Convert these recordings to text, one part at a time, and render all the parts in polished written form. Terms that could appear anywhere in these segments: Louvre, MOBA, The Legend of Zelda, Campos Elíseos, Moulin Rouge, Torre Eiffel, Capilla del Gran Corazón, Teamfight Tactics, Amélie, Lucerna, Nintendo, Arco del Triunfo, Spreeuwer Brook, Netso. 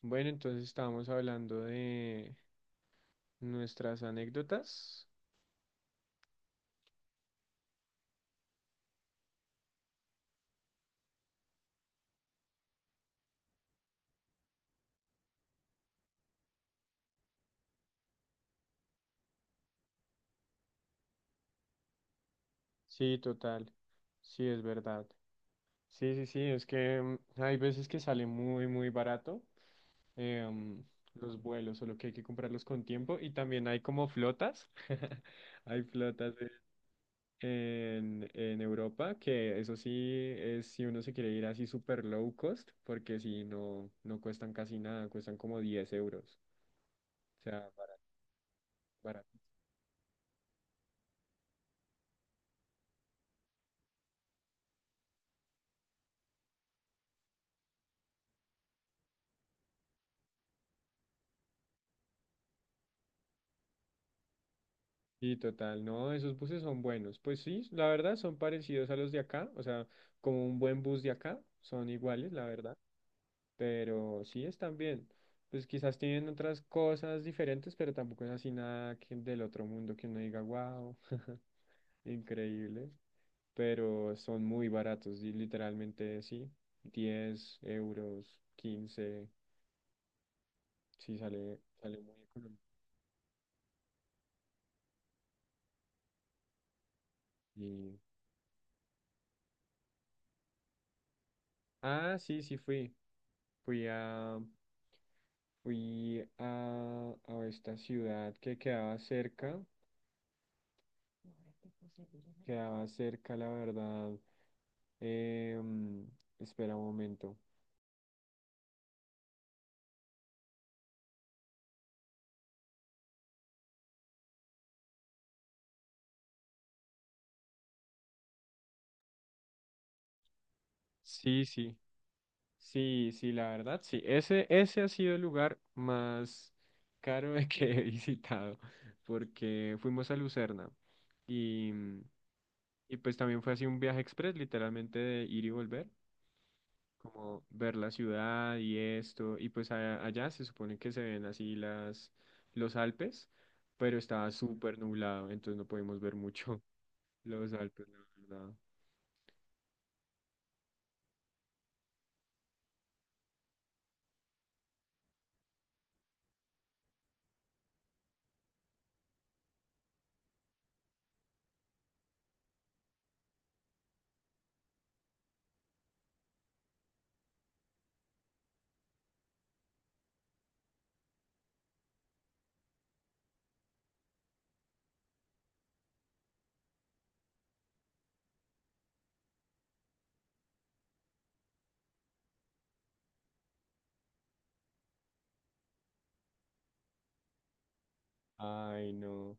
Bueno, entonces estábamos hablando de nuestras anécdotas. Sí, total. Sí, es verdad. Sí, sí, sí, es que hay veces que sale muy, muy barato em, los vuelos, solo que hay que comprarlos con tiempo. Y también hay como flotas. Hay flotas e- en Europa, que eso sí es si uno se quiere ir así super low cost, porque si no, no cuestan casi nada, cuestan como 10 euros. O sea, barato. Y total, no, esos buses son buenos. Pues sí, la verdad son parecidos a los de acá, o sea, como un buen bus de acá, son iguales, la verdad, pero sí están bien. Pues quizás tienen otras cosas diferentes, pero tampoco es así nada que del otro mundo que uno diga, wow, increíble. Pero son muy baratos, y literalmente sí, 10 euros, 15 sí sale, sale muy económico. Y... Ah, sí, sí fui. Fui a Fui a esta ciudad que quedaba cerca, la verdad. em, Espera un momento. Sí, sí, sí, sí, la verdad, sí. Ese ha sido el lugar más caro que he visitado, porque fuimos a Lucerna y, y pues también fue así un viaje express, literalmente de ir y volver. Como ver la ciudad y esto, y pues allá se supone que se ven así las, los Alpes, pero estaba súper nublado, entonces no pudimos ver mucho los Alpes, la verdad. Ay, no.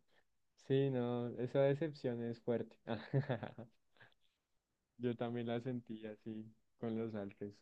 Sí, no, esa decepción es fuerte. Yo también la sentí así con los Alpes.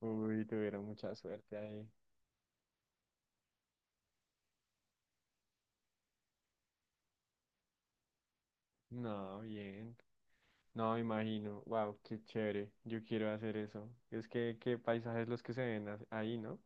Uy, tuvieron mucha suerte ahí. No, bien. No, me imagino. Wow, qué chévere. Yo quiero hacer eso. Es que qué paisajes los que se ven ahí, ¿no?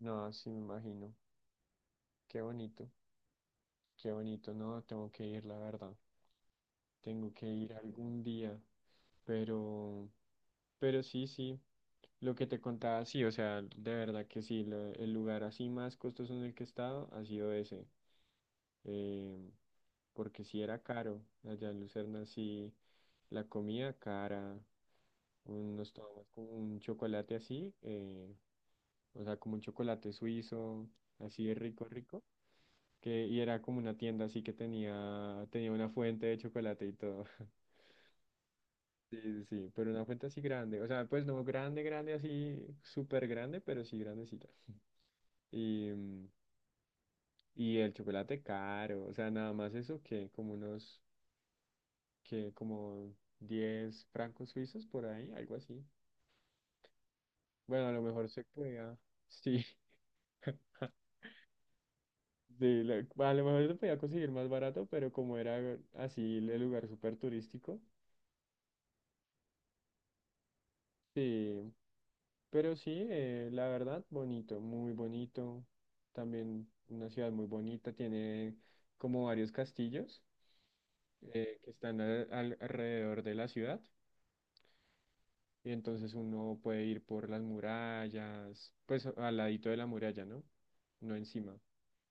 No, sí me imagino. Qué bonito, qué bonito. No, tengo que ir, la verdad. Tengo que ir algún día. Pero, pero sí, sí. Lo que te contaba, sí, o sea, de verdad que sí. El lugar así más costoso en el que he estado ha sido ese. eh, Porque sí era caro. Allá en Lucerna sí, la comida cara. Unos tomamos como un chocolate así. O sea, como un chocolate suizo, así de rico, rico. Que, y era como una tienda así que tenía una fuente de chocolate y todo. Sí, sí, sí, pero una fuente así grande. O sea, pues no grande, grande, así súper grande, pero sí grandecita. Y, y el chocolate caro, o sea, nada más eso que como unos, que como 10 francos suizos por ahí, algo así. Bueno, a lo mejor se podía, sí, sí, a lo mejor se podía conseguir más barato, pero como era así el lugar súper turístico, sí. Pero sí, la verdad, bonito, muy bonito. También una ciudad muy bonita, tiene como varios castillos que están alrededor de la ciudad. Y entonces uno puede ir por las murallas, pues al ladito de la muralla, ¿no? No encima,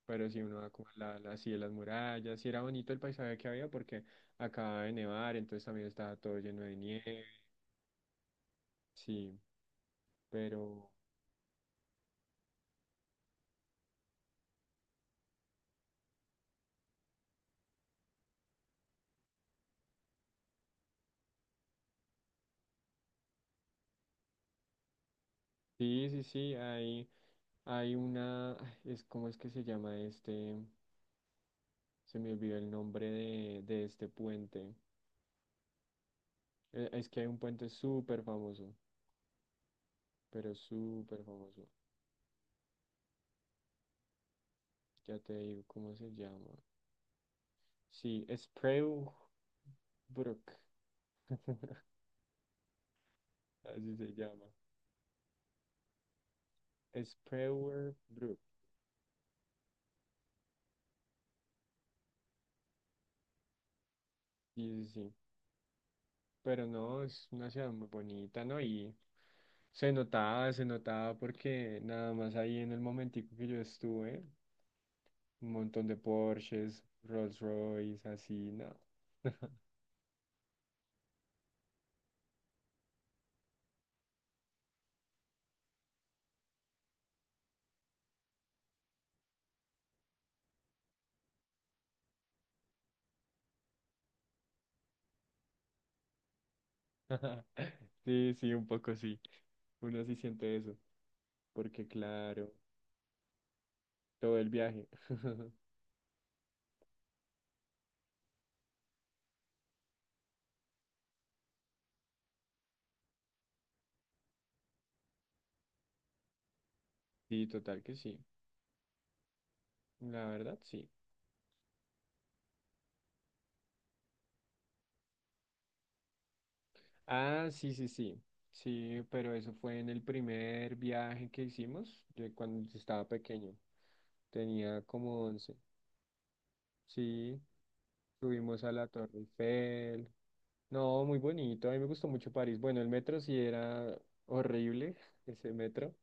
pero si uno va como a así de las murallas. Y era bonito el paisaje que había porque acababa de nevar, entonces también estaba todo lleno de nieve. Sí, pero... Sí, sí, sí, hay una, ay, es cómo es que se llama este, se me olvidó el nombre de este puente. Es que hay un puente súper famoso, pero súper famoso. Ya te digo cómo se llama. Sí, Spreeuw Brook, así se llama. Spreeuwer Brook, sí, sí, sí. Pero no, es una ciudad muy bonita, ¿no? Y se notaba porque nada más ahí en el momentico que yo estuve. Un montón de Porsches, Rolls Royce, así, no. Sí, sí, un poco sí. Uno sí siente eso, porque claro, todo el viaje. Sí, total que sí. La verdad, sí. Ah, sí, sí, sí. Sí, pero eso fue en el primer viaje que hicimos, yo cuando estaba pequeño. Tenía como 11, sí, subimos a la Torre Eiffel. No, muy bonito. A mí me gustó mucho París. Bueno, el metro sí era horrible, ese metro.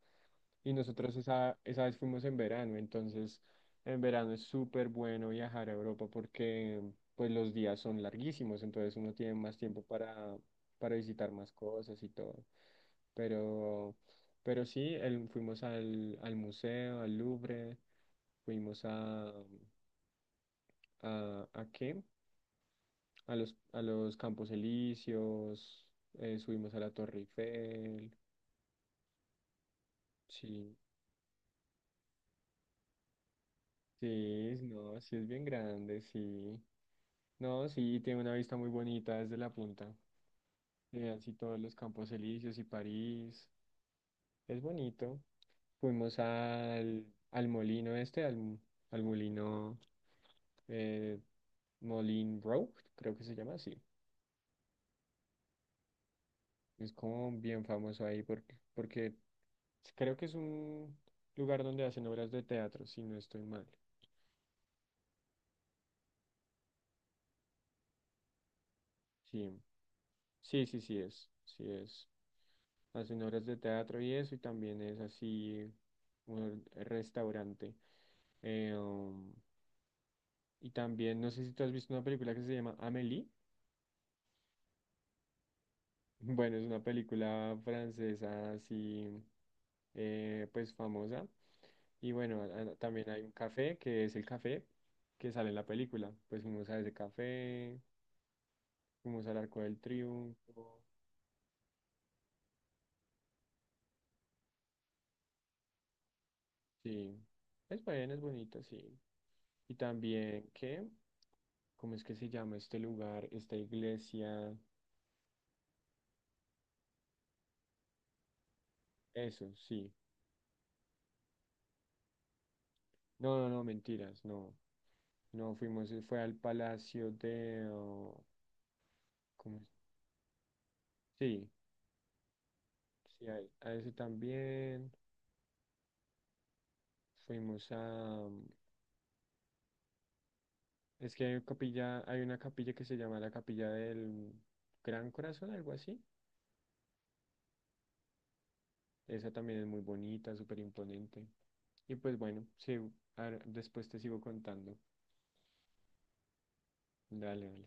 Y nosotros esa vez fuimos en verano, entonces en verano es súper bueno viajar a Europa porque pues los días son larguísimos, entonces uno tiene más tiempo para visitar más cosas y todo. Pero, pero sí, fuimos al museo, al Louvre, fuimos a, ¿a qué? A a los Campos Elíseos, subimos a la Torre Eiffel, sí. Sí, no, sí es bien grande, sí. No, sí, tiene una vista muy bonita desde la punta. Así todos los Campos Elíseos y París. Es bonito. Fuimos al molino este, al, al molino eh, Moulin Rouge, creo que se llama así. Es como bien famoso ahí porque, porque creo que es un lugar donde hacen obras de teatro, si no estoy mal. Sí, sí, sí, sí es. Sí es. Hacen horas de teatro y eso, y también es así un restaurante. Eh, um, y también, no sé si tú has visto una película que se llama Amélie. Bueno, es una película francesa así, pues famosa. Y bueno, también hay un café, que es el café que sale en la película. Pues fuimos a ese café, fuimos al Arco del Triunfo. Sí, es bueno, es bonito, sí. Y también, ¿qué? ¿Cómo es que se llama este lugar, esta iglesia? Eso, sí. No, no, no, mentiras, no. No fuimos, fue al Palacio de... oh, ¿cómo es? Sí, sí, a ese también. Fuimos a... mm, es que hay capilla, hay una capilla que se llama la Capilla del Gran Corazón, algo así. Esa también es muy bonita, súper imponente. Y pues bueno, sí, después te sigo contando. Dale, dale.